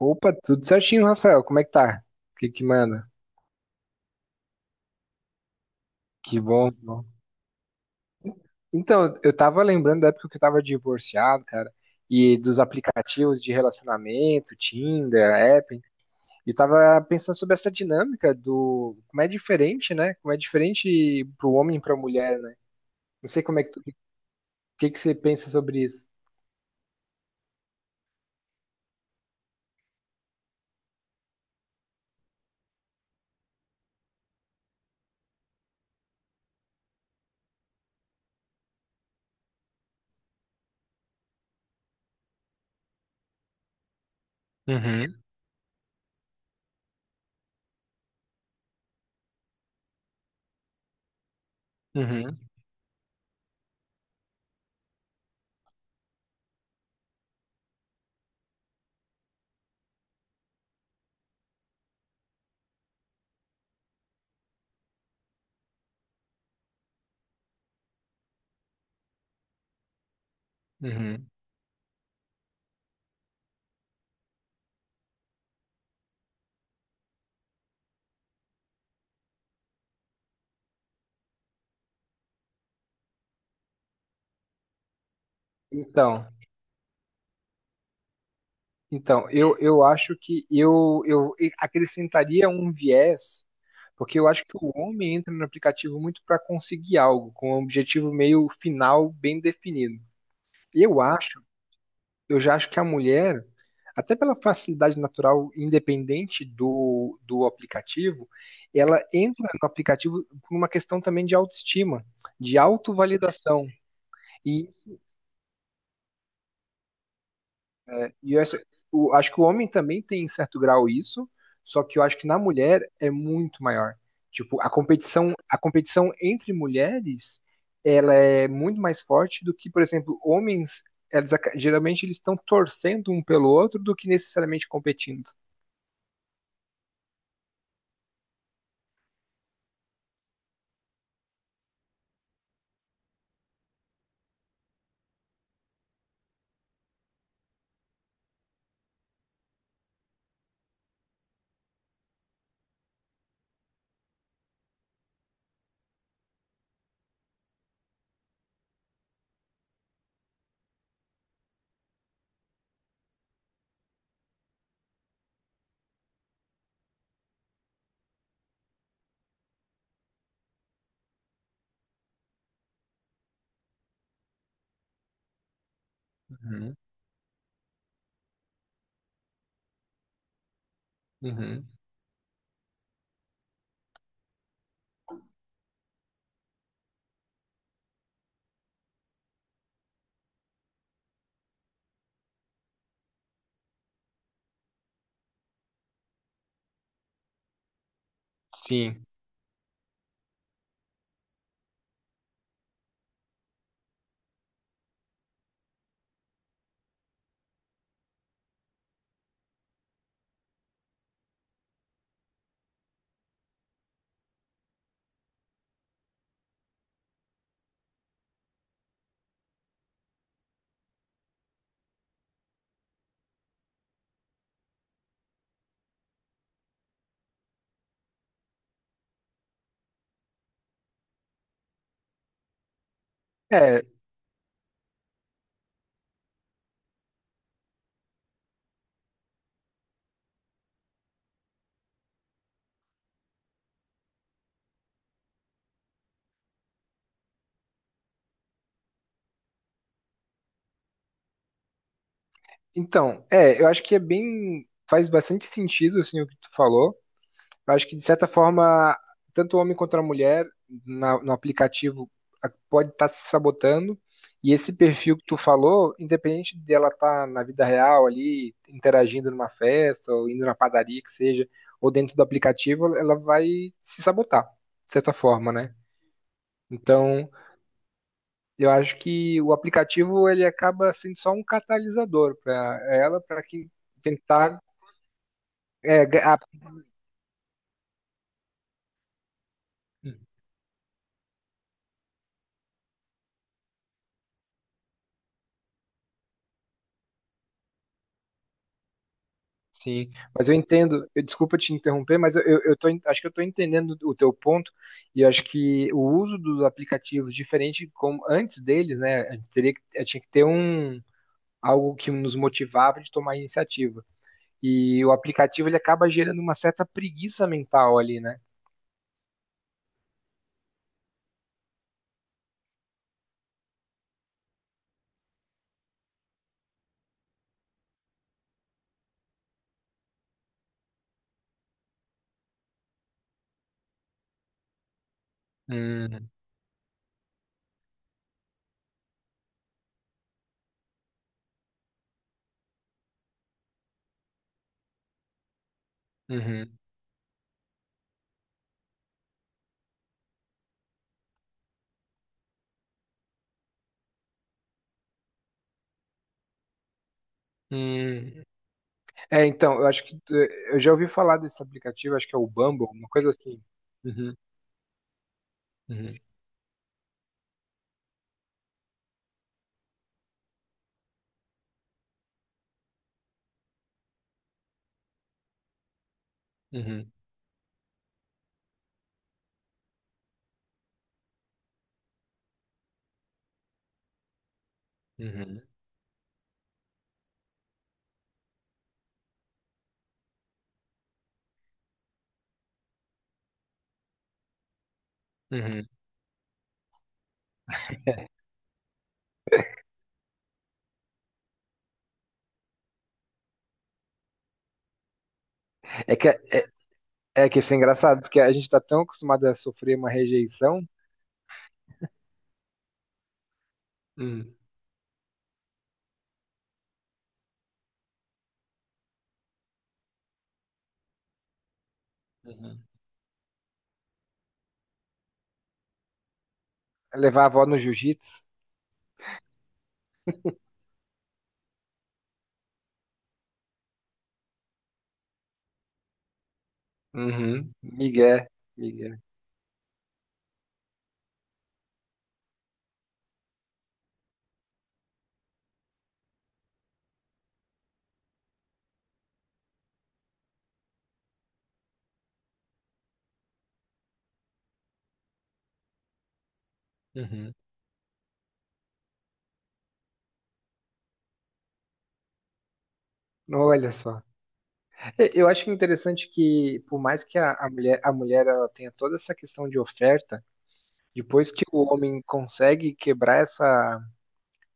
Opa, tudo certinho, Rafael. Como é que tá? O que que manda? Que bom, que bom. Então, eu tava lembrando da época que eu tava divorciado, cara, e dos aplicativos de relacionamento, Tinder, App, e tava pensando sobre essa dinâmica do como é diferente, né? Como é diferente pro homem e pra mulher, né? Não sei como é que tu, o que que você pensa sobre isso. Uhum, uhum, uhum. Então, então, eu acho que eu acrescentaria um viés. Porque eu acho que o homem entra no aplicativo muito para conseguir algo, com um objetivo meio final bem definido. Eu acho, eu já acho que a mulher, até pela facilidade natural, independente do aplicativo, ela entra no aplicativo por uma questão também de autoestima, de autovalidação. E e eu acho, acho que o homem também tem em certo grau isso, só que eu acho que na mulher é muito maior. Tipo, a competição entre mulheres, ela é muito mais forte do que, por exemplo, homens, eles, geralmente eles estão torcendo um pelo outro do que necessariamente competindo. Uhum, uhum. Sim. É, então, é, eu acho que é bem, faz bastante sentido, assim, o que tu falou. Acho que de certa forma, tanto o homem quanto a mulher no aplicativo pode estar se sabotando. E esse perfil que tu falou, independente dela estar na vida real ali, interagindo numa festa, ou indo na padaria que seja, ou dentro do aplicativo, ela vai se sabotar, de certa forma, né? Então, eu acho que o aplicativo ele acaba sendo só um catalisador para ela, para que tentar. é, ga- a- Sim, mas eu entendo, eu, desculpa te interromper, mas eu tô, acho que eu estou entendendo o teu ponto, e acho que o uso dos aplicativos, diferente como antes deles, né, a gente teria, tinha que ter um, algo que nos motivava de tomar iniciativa. E o aplicativo, ele acaba gerando uma certa preguiça mental ali, né? Hum, uhum, hum. É, então, eu acho que eu já ouvi falar desse aplicativo, acho que é o Bumble, uma coisa assim. Uhum, uhum, uhum, uhum, uhum. É é que é, É que isso é engraçado, porque a gente tá tão acostumado a sofrer uma rejeição. Hum, uhum, levar a avó no jiu-jitsu, uhum, Miguel, migué. Uhum. Olha só. Eu acho interessante que, por mais que a mulher ela tenha toda essa questão de oferta, depois que o homem consegue quebrar essa,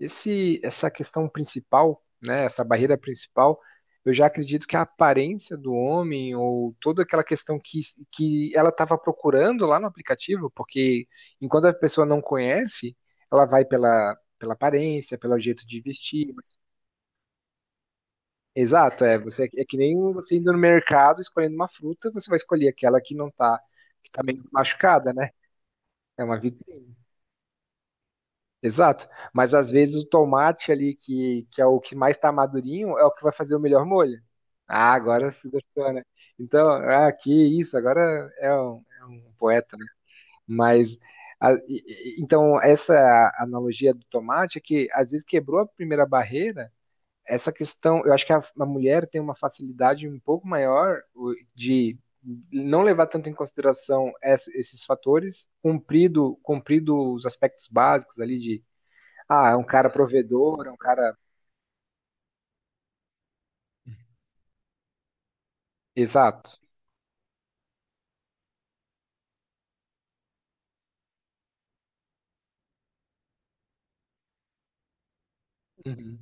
essa questão principal, né, essa barreira principal, eu já acredito que a aparência do homem ou toda aquela questão que ela estava procurando lá no aplicativo, porque enquanto a pessoa não conhece, ela vai pela aparência, pelo jeito de vestir. Exato, é, você, é que nem você indo no mercado escolhendo uma fruta, você vai escolher aquela que não está, que tá menos machucada, né? É uma vitrine. Exato. Mas às vezes o tomate ali, que é o que mais está madurinho, é o que vai fazer o melhor molho. Ah, agora se gostou, né? Então, ah, que isso, agora é um poeta, né? Mas, a- e- então, essa analogia do tomate é que às vezes quebrou a primeira barreira, essa questão, eu acho que a mulher tem uma facilidade um pouco maior de não levar tanto em consideração esses fatores, cumprido, cumprido os aspectos básicos ali de ah, é um cara provedor, é um cara. Exato. Uhum.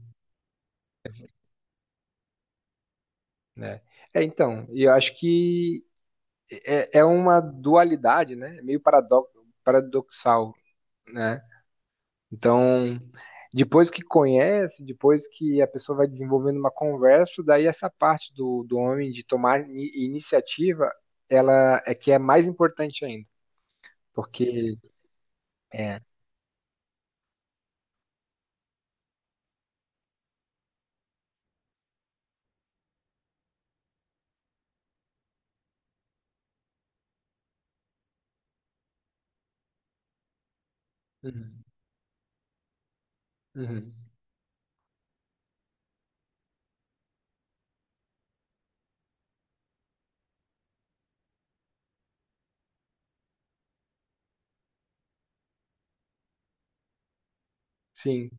Né? É, então, e eu acho que é, é uma dualidade, né? É meio paradoxal, né? Então, depois que conhece, depois que a pessoa vai desenvolvendo uma conversa, daí essa parte do homem de tomar iniciativa, ela é que é mais importante ainda, porque é, Uhum. Uhum. Sim,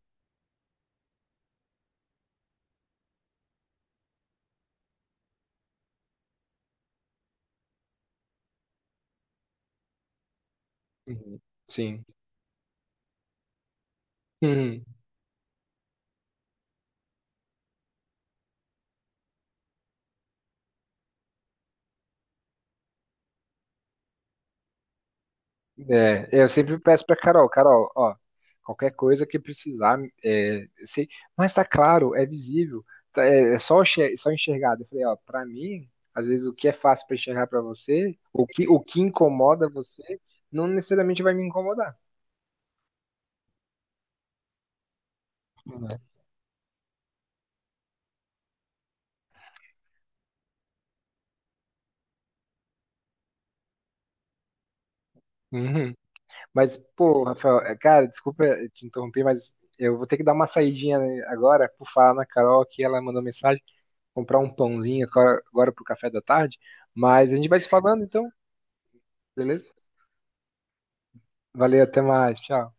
uhum, sim. Uhum. É, eu sempre peço pra Carol, Carol, ó, qualquer coisa que precisar, é, sei, mas tá claro, é visível, tá, é, é só, só enxergar. Eu falei, ó, pra mim, às vezes o que é fácil pra enxergar pra você, o que incomoda você, não necessariamente vai me incomodar. Né? Uhum. Mas, pô, Rafael, é, cara, desculpa te interromper, mas eu vou ter que dar uma saidinha né, agora por falar na Carol que ela mandou mensagem, comprar um pãozinho agora, agora pro café da tarde, mas a gente vai se falando então, beleza? Valeu, até mais. Tchau.